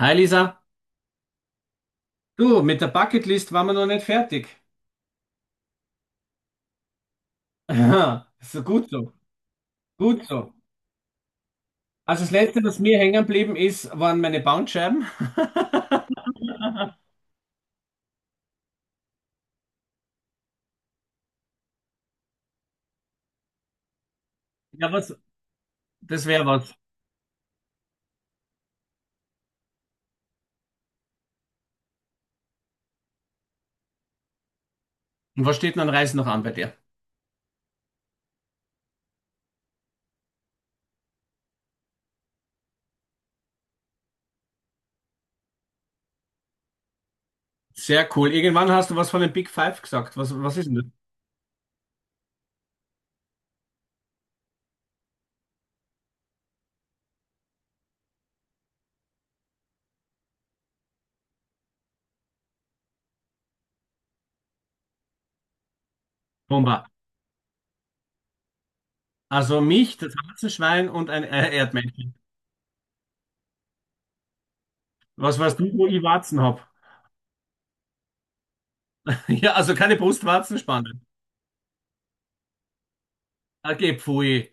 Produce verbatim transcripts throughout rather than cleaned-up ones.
Hi Lisa, du, mit der Bucketlist waren wir noch nicht fertig. Aha, so gut so, gut so. Also das Letzte, was mir hängen geblieben ist, waren meine Bandscheiben. Ja, was, das wäre was. Und was steht denn an Reisen noch an bei dir? Sehr cool. Irgendwann hast du was von den Big Five gesagt. Was, was ist denn das? Bomba. Also mich, das Warzenschwein und ein äh, Erdmännchen. Was weißt du, wo ich Warzen hab? Ja, also keine Brustwarzenspanne. Okay, pfui.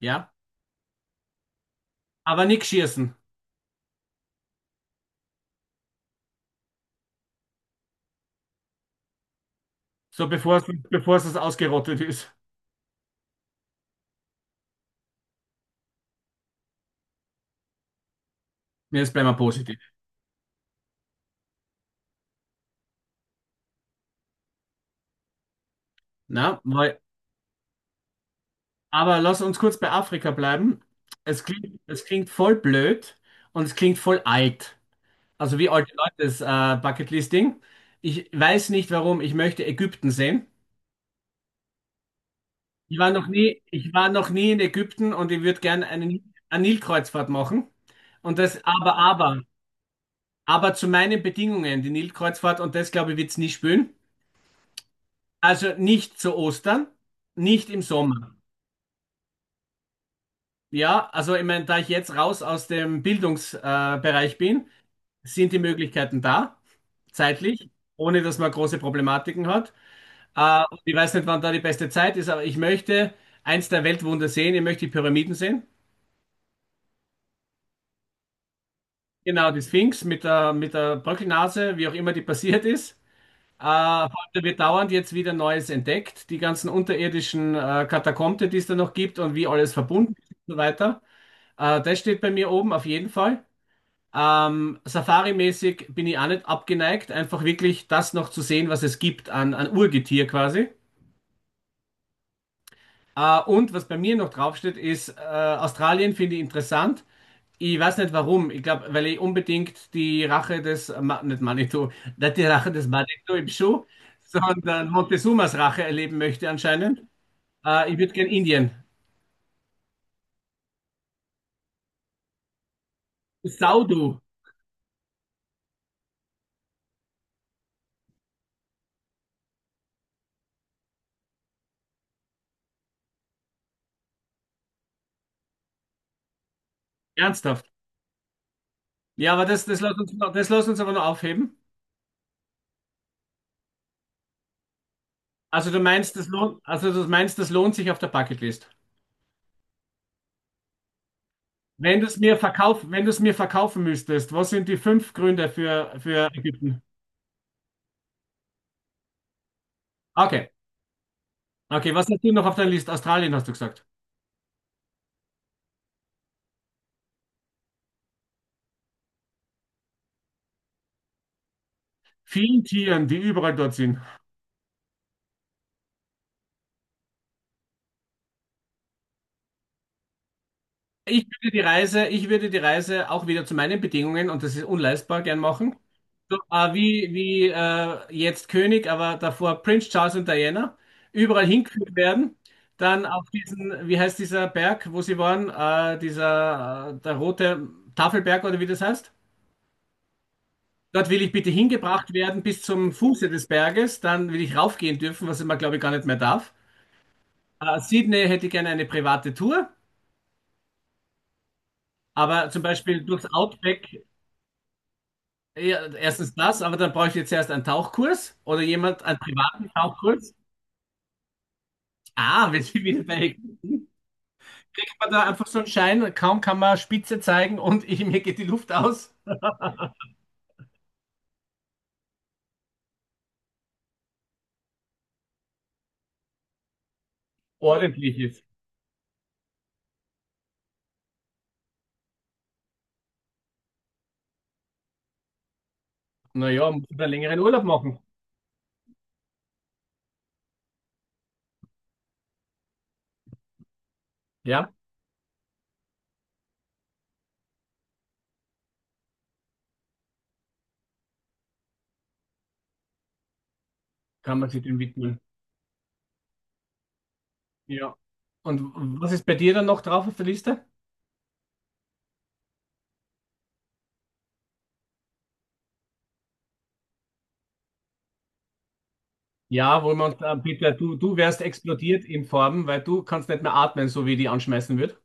Ja, aber nix schießen. So bevor es, bevor es ausgerottet ist. Nee, jetzt bleiben wir positiv. Na, weil, aber lass uns kurz bei Afrika bleiben. Es klingt, es klingt voll blöd und es klingt voll alt. Also wie alte Leute das äh, Bucketlisting. Ich weiß nicht warum, ich möchte Ägypten sehen. Ich war noch nie, ich war noch nie in Ägypten und ich würde gerne eine, eine Nilkreuzfahrt machen. Und das aber, aber, aber zu meinen Bedingungen, die Nilkreuzfahrt, und das glaube ich, wird's nie spüren. Also nicht zu Ostern, nicht im Sommer. Ja, also ich meine, da ich jetzt raus aus dem Bildungsbereich äh, Bereich bin, sind die Möglichkeiten da, zeitlich, ohne dass man große Problematiken hat. Äh, und ich weiß nicht, wann da die beste Zeit ist, aber ich möchte eins der Weltwunder sehen, ich möchte die Pyramiden sehen. Genau, die Sphinx mit der, mit der Bröckelnase, wie auch immer die passiert ist. Äh, heute wird dauernd jetzt wieder Neues entdeckt, die ganzen unterirdischen äh, Katakomben, die es da noch gibt und wie alles verbunden ist und so weiter. Äh, das steht bei mir oben auf jeden Fall. Ähm, Safari-mäßig bin ich auch nicht abgeneigt, einfach wirklich das noch zu sehen, was es gibt an, an Urgetier quasi. Äh, und was bei mir noch draufsteht, ist äh, Australien finde ich interessant. Ich weiß nicht warum. Ich glaube, weil ich unbedingt die Rache des, Ma nicht Manitou, nicht die Rache des Manitou im Schuh, sondern Montezumas Rache erleben möchte anscheinend. Äh, ich würde gern Indien. Saudu, ernsthaft. Ja, aber das, das lässt uns, das lässt uns aber noch aufheben. Also du meinst, das lohnt, also du meinst, das lohnt sich auf der Bucketlist. Wenn du es mir verkauf, wenn du es mir verkaufen müsstest, was sind die fünf Gründe für, für Ägypten? Okay. Okay, was hast du noch auf deiner Liste? Australien hast du gesagt. Vielen Tieren, die überall dort sind. Ich würde die Reise, ich würde die Reise auch wieder zu meinen Bedingungen, und das ist unleistbar, gern machen. So, äh, wie wie äh, jetzt König, aber davor Prince Charles und Diana, überall hingeführt werden. Dann auf diesen, wie heißt dieser Berg, wo sie waren, äh, dieser, äh, der rote Tafelberg oder wie das heißt. Dort will ich bitte hingebracht werden bis zum Fuße des Berges. Dann will ich raufgehen dürfen, was man, glaube ich, gar nicht mehr darf. Äh, Sydney hätte ich gerne eine private Tour, aber zum Beispiel durchs Outback. Ja, erstens das, aber dann brauche ich jetzt erst einen Tauchkurs oder jemand, einen privaten Tauchkurs. Ah, wir sind wieder bei. Ich habe da einfach so einen Schein, kaum kann man Spitze zeigen und ich, mir geht die Luft aus. Ordentlich ist. Naja, muss man einen längeren Urlaub machen. Ja, kann man sich dem widmen. Ja. Und was ist bei dir dann noch drauf auf der Liste? Ja, wo man äh, bitte, du, du wärst explodiert in Form, weil du kannst nicht mehr atmen, so wie die anschmeißen wird.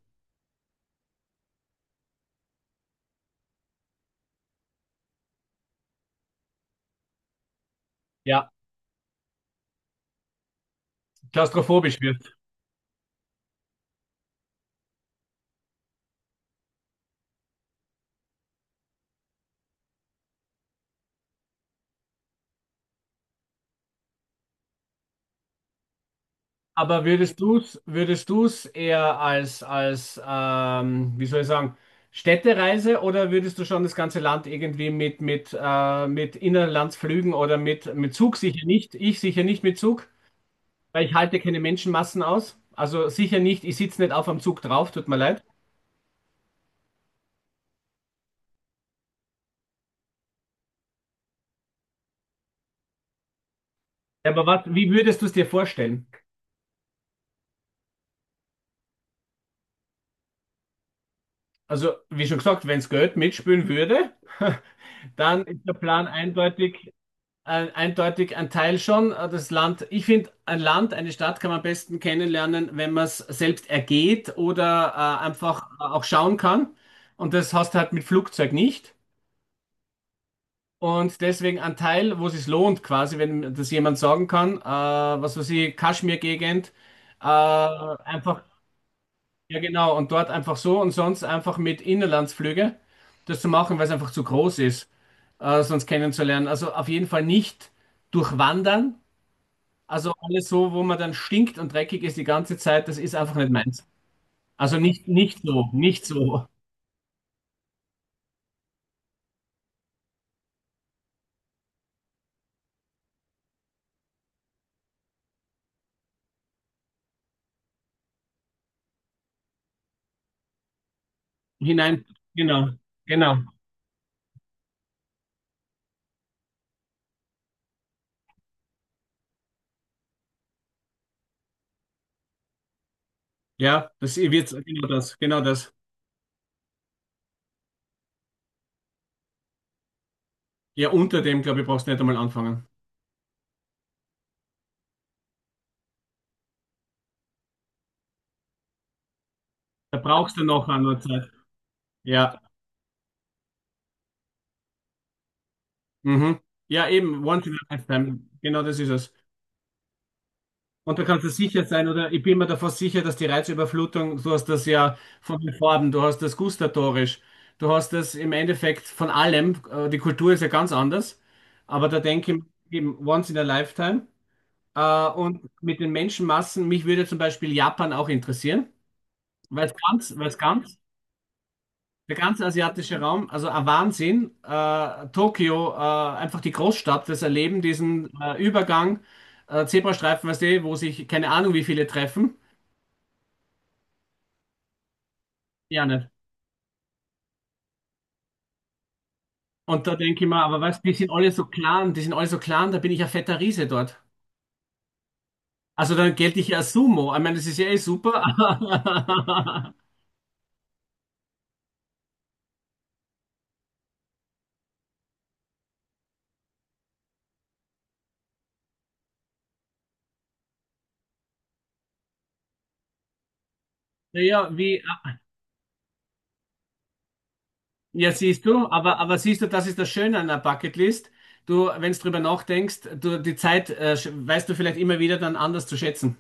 Ja, klaustrophobisch wirst. Aber würdest du es würdest du's eher als, als ähm, wie soll ich sagen, Städtereise oder würdest du schon das ganze Land irgendwie mit, mit, äh, mit Inlandsflügen oder mit, mit Zug sicher nicht? Ich sicher nicht mit Zug, weil ich halte keine Menschenmassen aus. Also sicher nicht, ich sitze nicht auf am Zug drauf, tut mir leid. Aber was, wie würdest du es dir vorstellen? Also, wie schon gesagt, wenn es Geld mitspielen würde, dann ist der Plan eindeutig, Ein- eindeutig ein Teil schon. äh, Das Land, ich finde, ein Land, eine Stadt kann man am besten kennenlernen, wenn man es selbst ergeht oder äh, einfach äh, auch schauen kann. Und das hast du halt mit Flugzeug nicht. Und deswegen ein Teil, wo es sich lohnt, quasi, wenn das jemand sagen kann, äh, was weiß ich, Kaschmir-Gegend, äh, einfach, ja genau, und dort einfach so und sonst einfach mit Inlandsflüge das zu machen, weil es einfach zu groß ist, äh, sonst kennenzulernen. Also auf jeden Fall nicht durchwandern. Also alles so, wo man dann stinkt und dreckig ist die ganze Zeit, das ist einfach nicht meins. Also nicht, nicht so, nicht so hinein. Genau, genau. Ja, das wird genau das, genau das. Ja, unter dem, glaube ich, brauchst du nicht einmal anfangen. Da brauchst du noch eine Zeit. Ja, mhm. Ja, eben, once in a lifetime. Genau das ist es. Und da kannst du sicher sein, oder ich bin mir davor sicher, dass die Reizüberflutung, du hast das ja von den Farben, du hast das gustatorisch, du hast das im Endeffekt von allem, äh, die Kultur ist ja ganz anders, aber da denke ich eben once in a lifetime. Äh, und mit den Menschenmassen, mich würde zum Beispiel Japan auch interessieren, weil es ganz, weil es ganz, der ganze asiatische Raum, also ein Wahnsinn, äh, Tokio, äh, einfach die Großstadt, das Erleben, diesen äh, Übergang, äh, Zebrastreifen, weißt du, wo sich keine Ahnung wie viele treffen. Ja, nicht. Und da denke ich mir, aber weißt, die sind alle so klein, die sind alle so klein, da bin ich ein fetter Riese dort. Also dann gelte ich ja als Sumo. Ich meine, das ist ja eh super. Naja, wie, ja, siehst du, aber, aber siehst du, das ist das Schöne an der Bucketlist. Du, wenn du drüber nachdenkst, du, die Zeit, äh, sch- weißt du vielleicht immer wieder dann anders zu schätzen.